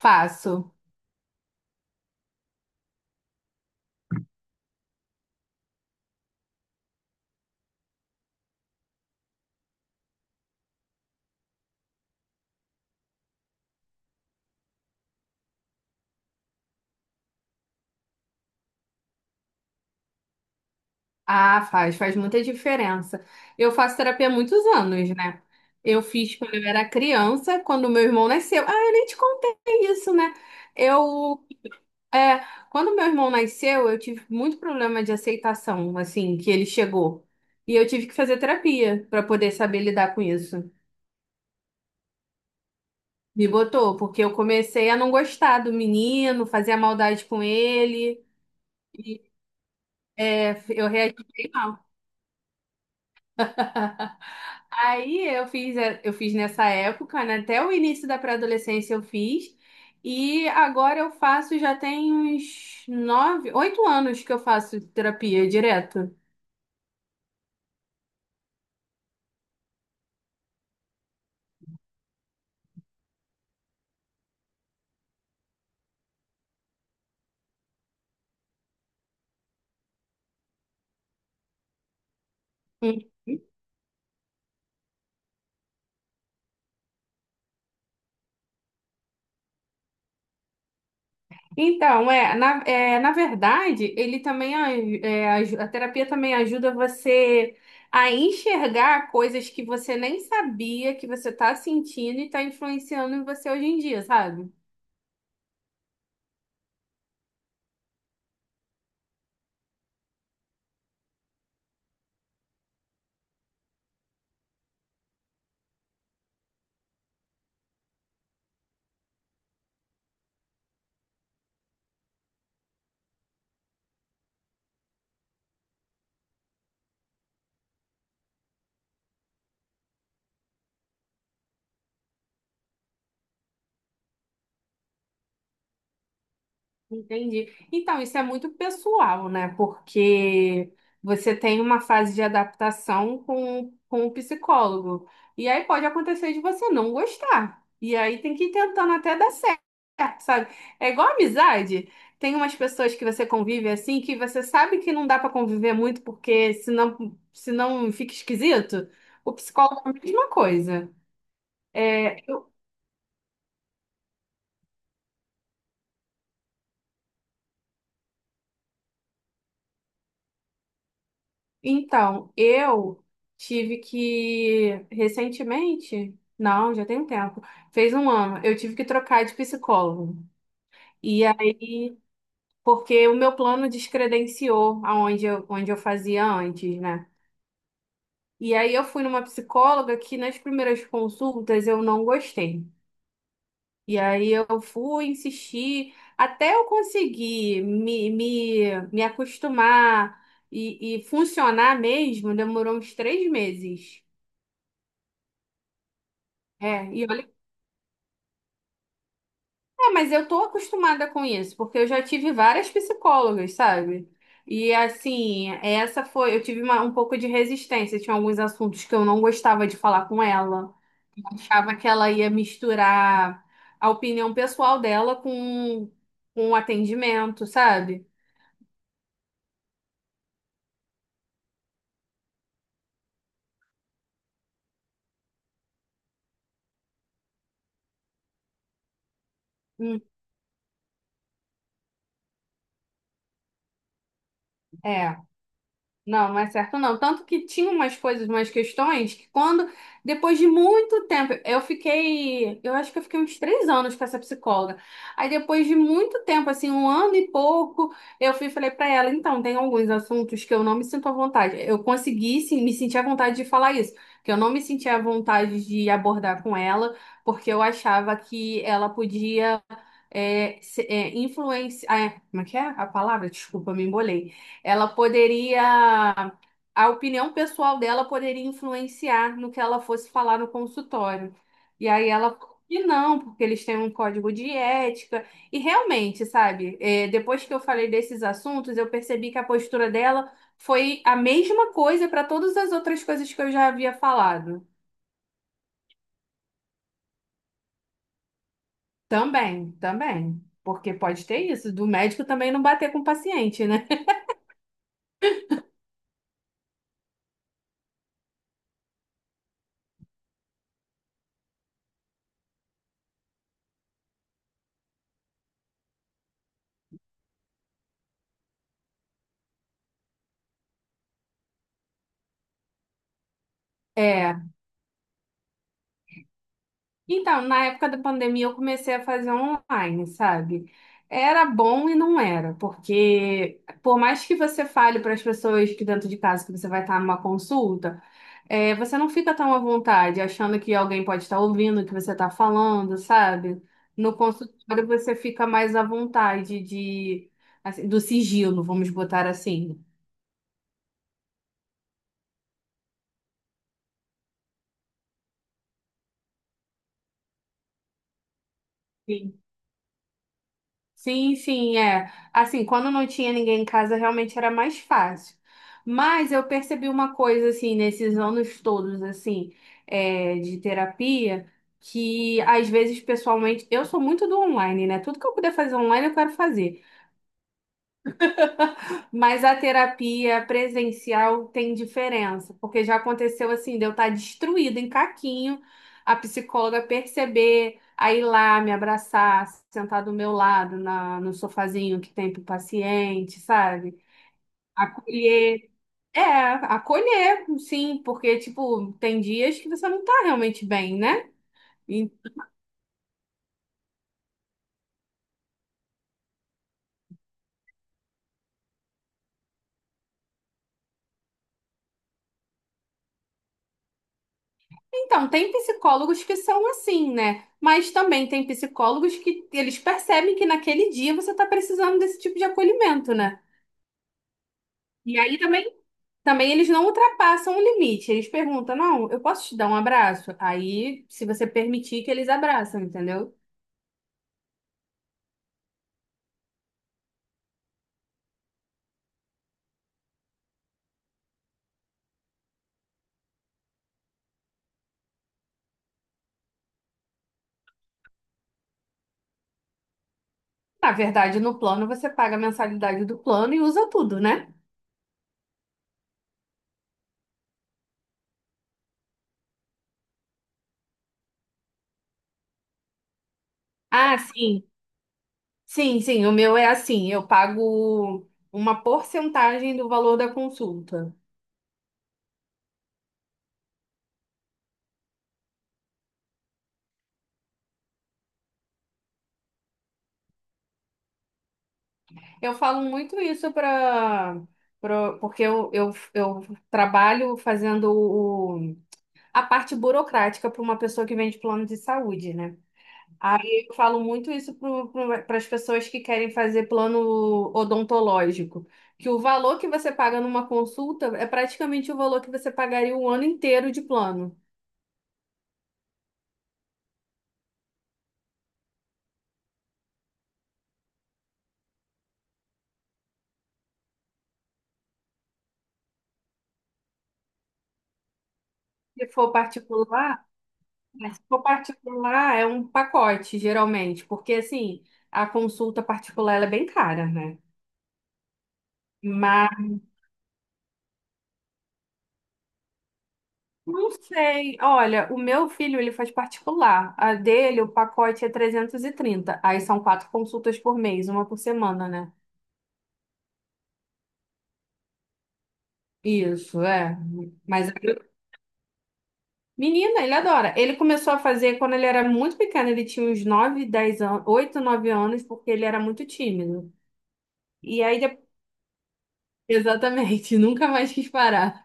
Faço. Ah, faz muita diferença. Eu faço terapia há muitos anos, né? Eu fiz quando eu era criança, quando meu irmão nasceu. Ah, eu nem te contei isso, né? Eu, é, Quando meu irmão nasceu, eu tive muito problema de aceitação, assim, que ele chegou. E eu tive que fazer terapia para poder saber lidar com isso. Me botou, porque eu comecei a não gostar do menino, fazia maldade com ele, é, eu reagi bem mal. Aí eu fiz nessa época, né? Até o início da pré-adolescência eu fiz. E agora eu faço, já tem uns 9, 8 anos que eu faço terapia direto. Hum. Então, na verdade, ele também a terapia também ajuda você a enxergar coisas que você nem sabia que você está sentindo e está influenciando em você hoje em dia, sabe? Entendi. Então, isso é muito pessoal, né? Porque você tem uma fase de adaptação com o psicólogo. E aí pode acontecer de você não gostar. E aí tem que ir tentando até dar certo, sabe? É igual amizade. Tem umas pessoas que você convive assim que você sabe que não dá para conviver muito porque senão fica esquisito. O psicólogo é a mesma coisa. Então, eu tive que recentemente, não, já tem um tempo, fez um ano, eu tive que trocar de psicólogo. E aí, porque o meu plano descredenciou aonde eu, onde eu fazia antes, né? E aí eu fui numa psicóloga que nas primeiras consultas eu não gostei. E aí eu fui insistir até eu conseguir me acostumar e funcionar mesmo, demorou uns 3 meses. É, e olha, mas eu tô acostumada com isso, porque eu já tive várias psicólogas, sabe? E assim, essa foi, eu tive um pouco de resistência, tinha alguns assuntos que eu não gostava de falar com ela. Achava que ela ia misturar a opinião pessoal dela com o atendimento, sabe? Hum. É. Não, não é certo não. Tanto que tinha umas coisas, umas questões que quando, depois de muito tempo, eu fiquei, eu acho que eu fiquei uns 3 anos com essa psicóloga. Aí depois de muito tempo, assim, um ano e pouco, eu fui e falei pra ela, então, tem alguns assuntos que eu não me sinto à vontade. Eu consegui, sim, me sentir à vontade de falar isso, que eu não me sentia à vontade de abordar com ela, porque eu achava que ela podia como é que é a palavra? Desculpa, me embolei. Ela poderia, a opinião pessoal dela poderia influenciar no que ela fosse falar no consultório. E aí ela, e não, porque eles têm um código de ética. E realmente, sabe, é, depois que eu falei desses assuntos, eu percebi que a postura dela foi a mesma coisa para todas as outras coisas que eu já havia falado. Também, também. Porque pode ter isso, do médico também não bater com o paciente, né? É. Então, na época da pandemia, eu comecei a fazer online, sabe? Era bom e não era, porque por mais que você fale para as pessoas que dentro de casa que você vai estar numa consulta, é, você não fica tão à vontade, achando que alguém pode estar ouvindo o que você está falando, sabe? No consultório, você fica mais à vontade de, assim, do sigilo, vamos botar assim. Sim, sim, é. Assim, quando não tinha ninguém em casa, realmente era mais fácil. Mas eu percebi uma coisa, assim, nesses anos todos, assim, é, de terapia, que às vezes, pessoalmente, eu sou muito do online, né? Tudo que eu puder fazer online, eu quero fazer. Mas a terapia presencial tem diferença, porque já aconteceu assim, de eu estar destruída em caquinho, a psicóloga perceber, aí ir lá me abraçar, sentar do meu lado na, no sofazinho que tem pro paciente, sabe? Acolher. É, acolher, sim, porque, tipo, tem dias que você não tá realmente bem, né? Então, tem psicólogos que são assim, né? Mas também tem psicólogos que eles percebem que naquele dia você está precisando desse tipo de acolhimento, né? E aí também, também eles não ultrapassam o limite. Eles perguntam, não, eu posso te dar um abraço? Aí, se você permitir que eles abraçam, entendeu? Na verdade, no plano você paga a mensalidade do plano e usa tudo, né? Ah, sim. Sim, sim, o meu é assim, eu pago uma porcentagem do valor da consulta. Eu falo muito isso para porque eu trabalho fazendo o, a parte burocrática para uma pessoa que vende plano de saúde, né? Aí eu falo muito isso para as pessoas que querem fazer plano odontológico, que o valor que você paga numa consulta é praticamente o valor que você pagaria o ano inteiro de plano. Se for particular, né, se for particular é um pacote, geralmente, porque assim, a consulta particular ela é bem cara, né? Mas não sei. Olha, o meu filho, ele faz particular. A dele, o pacote é 330. Aí são 4 consultas por mês, uma por semana, né? Isso, é. Mas, menina, ele adora. Ele começou a fazer quando ele era muito pequeno. Ele tinha uns 9, 10 anos, 8, 9 anos, porque ele era muito tímido. E aí, exatamente, nunca mais quis parar.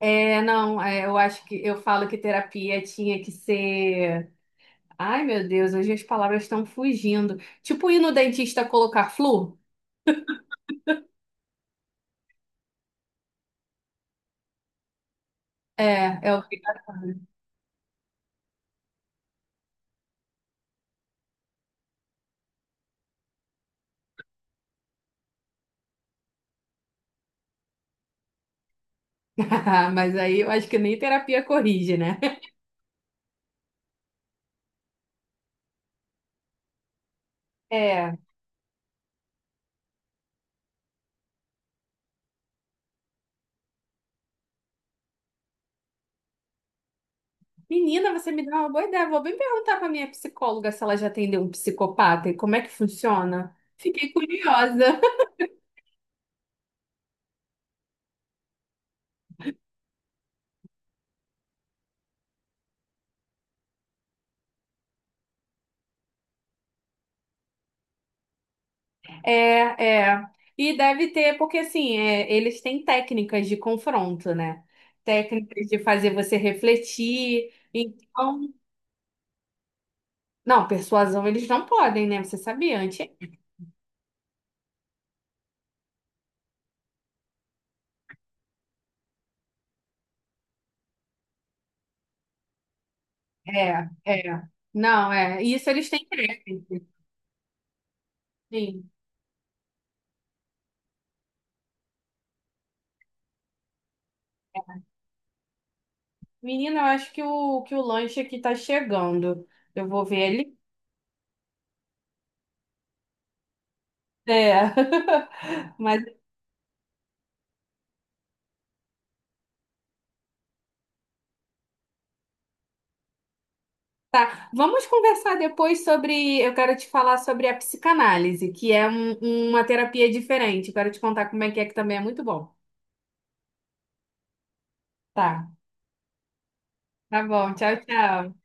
É, não, é, eu acho que eu falo que terapia tinha que ser. Ai, meu Deus, hoje as palavras estão fugindo. Tipo ir no dentista colocar flu? É, é o que. Mas aí eu acho que nem terapia corrige, né? É. Menina, você me deu uma boa ideia. Vou bem perguntar pra minha psicóloga se ela já atendeu um psicopata e como é que funciona. Fiquei curiosa. É, é. E deve ter, porque assim, é, eles têm técnicas de confronto, né? Técnicas de fazer você refletir. Então, não, persuasão eles não podem, né? Você sabia antes? É, é. Não, é. Isso eles têm crédito. Sim. Menina, eu acho que o, lanche aqui tá chegando. Eu vou ver ele. É. Mas tá. Vamos conversar depois sobre. Eu quero te falar sobre a psicanálise, que é uma terapia diferente. Eu quero te contar como é, que também é muito bom. Tá. Tá bom. Tchau, tchau.